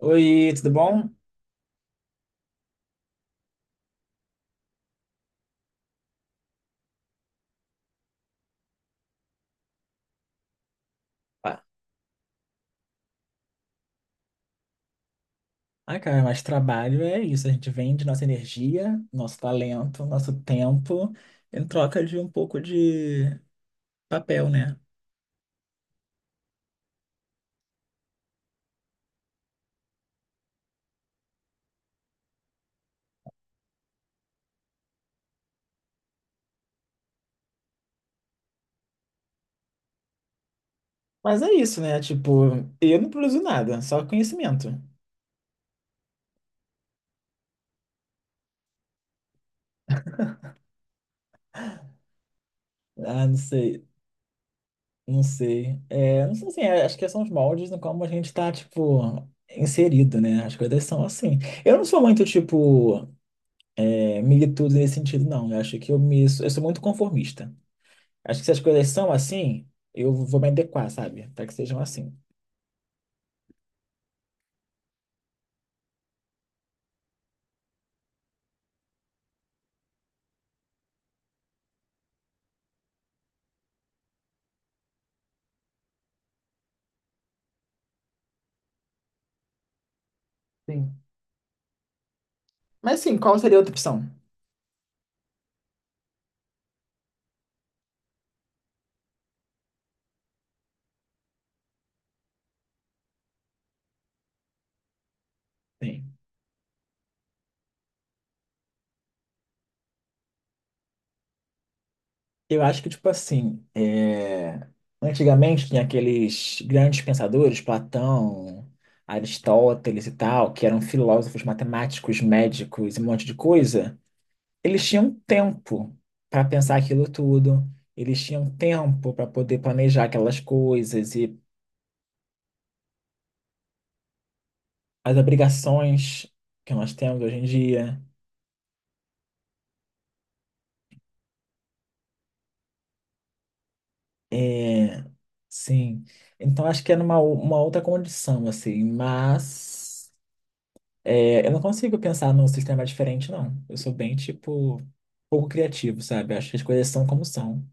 Oi, tudo bom? Ah, cara, mas trabalho é isso. A gente vende nossa energia, nosso talento, nosso tempo em troca de um pouco de papel, né? Mas é isso, né? Tipo, eu não produzo nada, só conhecimento. Ah, não sei, não sei. Não sei assim, acho que são os moldes no como a gente tá, tipo, inserido, né? As coisas são assim. Eu não sou muito, tipo, militudo nesse sentido, não. Eu acho que eu sou muito conformista. Acho que se as coisas são assim, eu vou me adequar, sabe? Para que sejam assim. Sim. Mas sim, qual seria a outra opção? Sim. Eu acho que, tipo assim, antigamente tinha aqueles grandes pensadores, Platão, Aristóteles e tal, que eram filósofos, matemáticos, médicos e um monte de coisa. Eles tinham um tempo para pensar aquilo tudo, eles tinham um tempo para poder planejar aquelas coisas e as obrigações que nós temos hoje em dia. É, sim. Então acho que era uma outra condição, assim, mas eu não consigo pensar num sistema diferente, não. Eu sou bem, tipo, pouco criativo, sabe? Acho que as coisas são como são.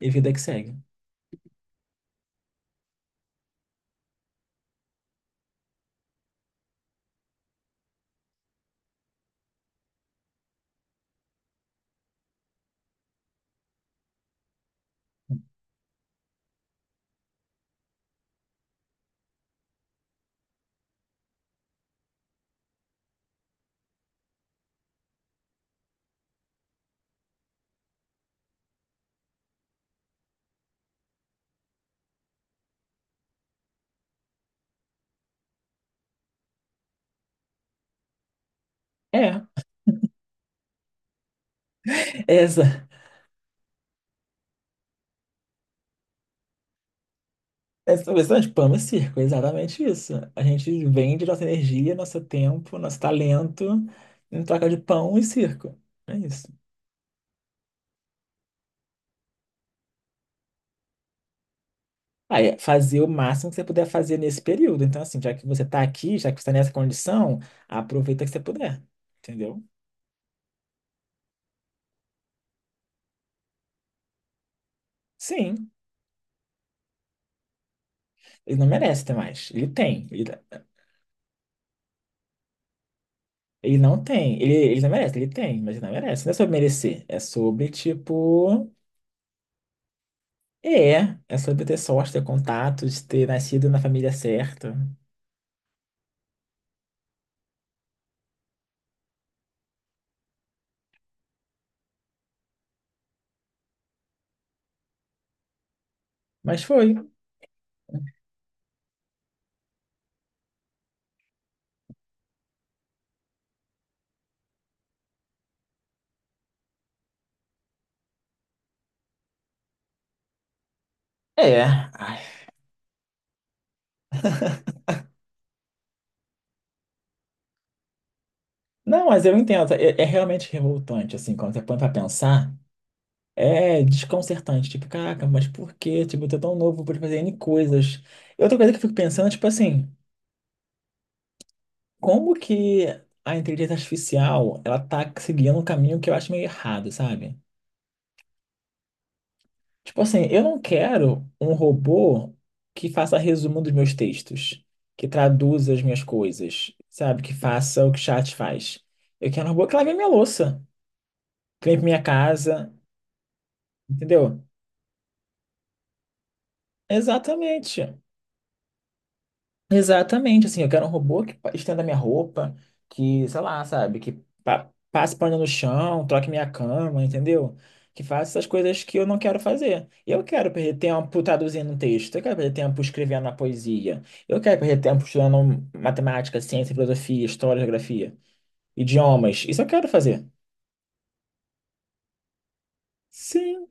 E vida que segue. É, essa. É interessante, pão e circo, é exatamente isso. A gente vende nossa energia, nosso tempo, nosso talento em troca de pão e circo. É isso. Aí, é fazer o máximo que você puder fazer nesse período. Então, assim, já que você está aqui, já que você está nessa condição, aproveita que você puder. Entendeu? Sim, ele não merece ter mais. Ele tem. Ele não tem. Ele não merece, ele tem, mas ele não merece. Não é sobre merecer. É sobre, tipo. É, é sobre ter sorte, ter contatos, ter nascido na família certa. Mas foi. É. Ai. Não, mas eu entendo. É, é realmente revoltante, assim, quando você põe pra pensar. É desconcertante. Tipo, caraca, mas por quê? Tipo, eu tô tão novo pra fazer N coisas. E outra coisa que eu fico pensando, tipo assim, como que a inteligência artificial, ela tá seguindo um caminho que eu acho meio errado, sabe? Tipo assim, eu não quero um robô que faça resumo dos meus textos, que traduza as minhas coisas, sabe? Que faça o que chat faz. Eu quero um robô que lave a minha louça, que limpe minha casa, entendeu? Exatamente. Exatamente. Assim, eu quero um robô que estenda minha roupa, que, sei lá, sabe, que passe pano no chão, troque minha cama, entendeu? Que faça essas coisas que eu não quero fazer. Eu quero perder tempo traduzindo um texto, eu quero perder tempo escrevendo uma poesia, eu quero perder tempo estudando matemática, ciência, filosofia, história, geografia, idiomas. Isso eu quero fazer. Sim.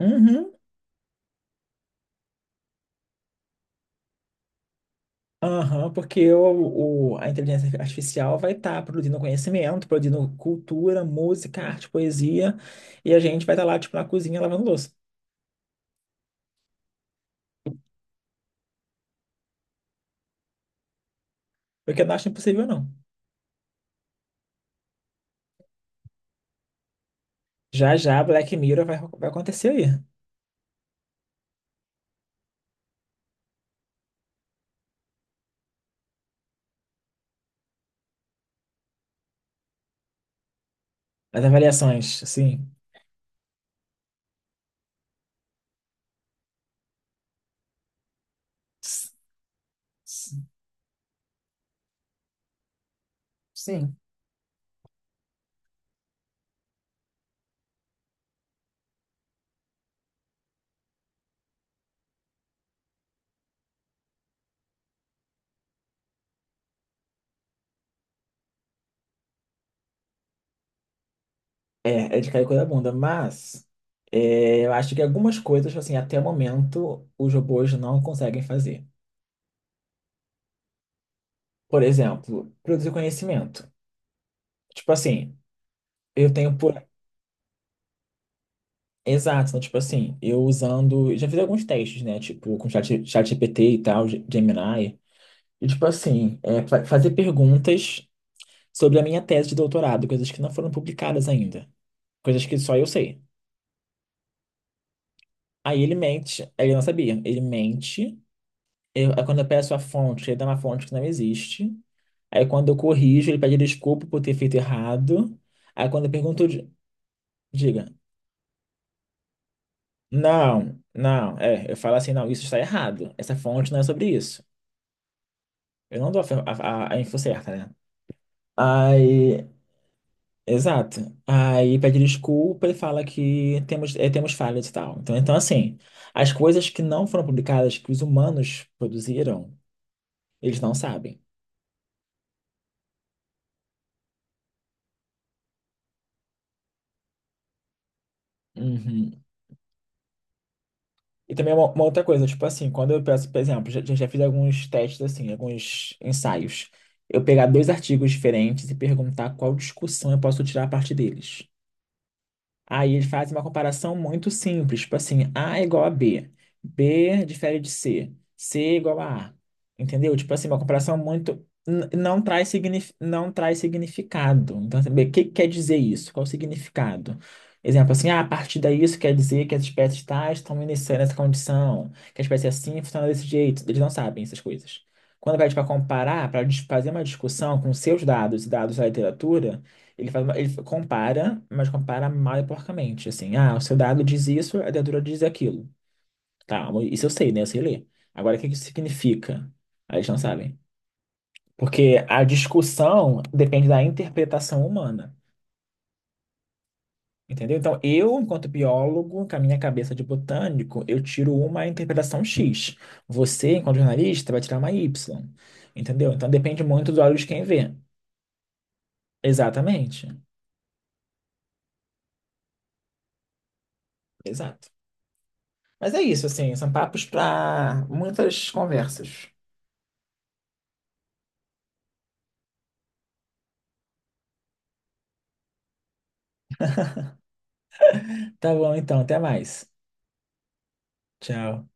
Uhum. Aham, porque a inteligência artificial vai estar produzindo conhecimento, produzindo cultura, música, arte, poesia, e a gente vai estar lá, tipo, na cozinha lavando louça. Porque que eu não acho impossível, não. Já já Black Mirror vai acontecer aí. As avaliações, assim. s- s- Sim, é de cair coisa da bunda, mas eu acho que algumas coisas, tipo assim, até o momento, os robôs não conseguem fazer. Por exemplo, produzir conhecimento. Tipo assim, eu tenho por exato, então, tipo assim, eu usando. Já fiz alguns testes, né? Tipo, com chat GPT e tal, Gemini. E, tipo assim, é, fazer perguntas sobre a minha tese de doutorado, coisas que não foram publicadas ainda. Coisas que só eu sei. Aí ele mente, aí ele não sabia. Ele mente. Aí quando eu peço a fonte, ele dá uma fonte que não existe. Aí quando eu corrijo, ele pede desculpa por ter feito errado. Aí quando eu pergunto, diga, não, não, eu falo assim, não, isso está errado. Essa fonte não é sobre isso. Eu não dou a info certa, né? Aí, exato. Aí pede desculpa e fala que temos, temos falhas e tal. Então, então, assim, as coisas que não foram publicadas, que os humanos produziram, eles não sabem. Uhum. E também uma outra coisa, tipo assim, quando eu peço, por exemplo, já fiz alguns testes, assim, alguns ensaios. Eu pegar dois artigos diferentes e perguntar qual discussão eu posso tirar a partir deles. Aí eles fazem uma comparação muito simples, tipo assim, A é igual a B, B difere de C, C é igual a A, entendeu? Tipo assim, uma comparação muito não traz signif não traz significado. Então, saber o que que quer dizer isso? Qual o significado? Exemplo assim, ah, a partir daí isso quer dizer que as espécies tais estão iniciando essa condição, que a espécie assim funciona desse jeito. Eles não sabem essas coisas. Quando vai para comparar, para fazer uma discussão com seus dados e dados da literatura ele ele compara, mas compara mal e porcamente. Assim, ah, o seu dado diz isso, a dentadura diz aquilo. Tá, isso eu sei, né? Eu sei ler. Agora, o que que isso significa? Aí eles não sabem. Porque a discussão depende da interpretação humana. Entendeu? Então, eu, enquanto biólogo, com a minha cabeça de botânico, eu tiro uma interpretação X. Você, enquanto jornalista, vai tirar uma Y. Entendeu? Então, depende muito dos olhos de quem vê. Exatamente. Exato. Mas é isso, assim, são papos para muitas conversas. Tá bom, então, até mais. Tchau.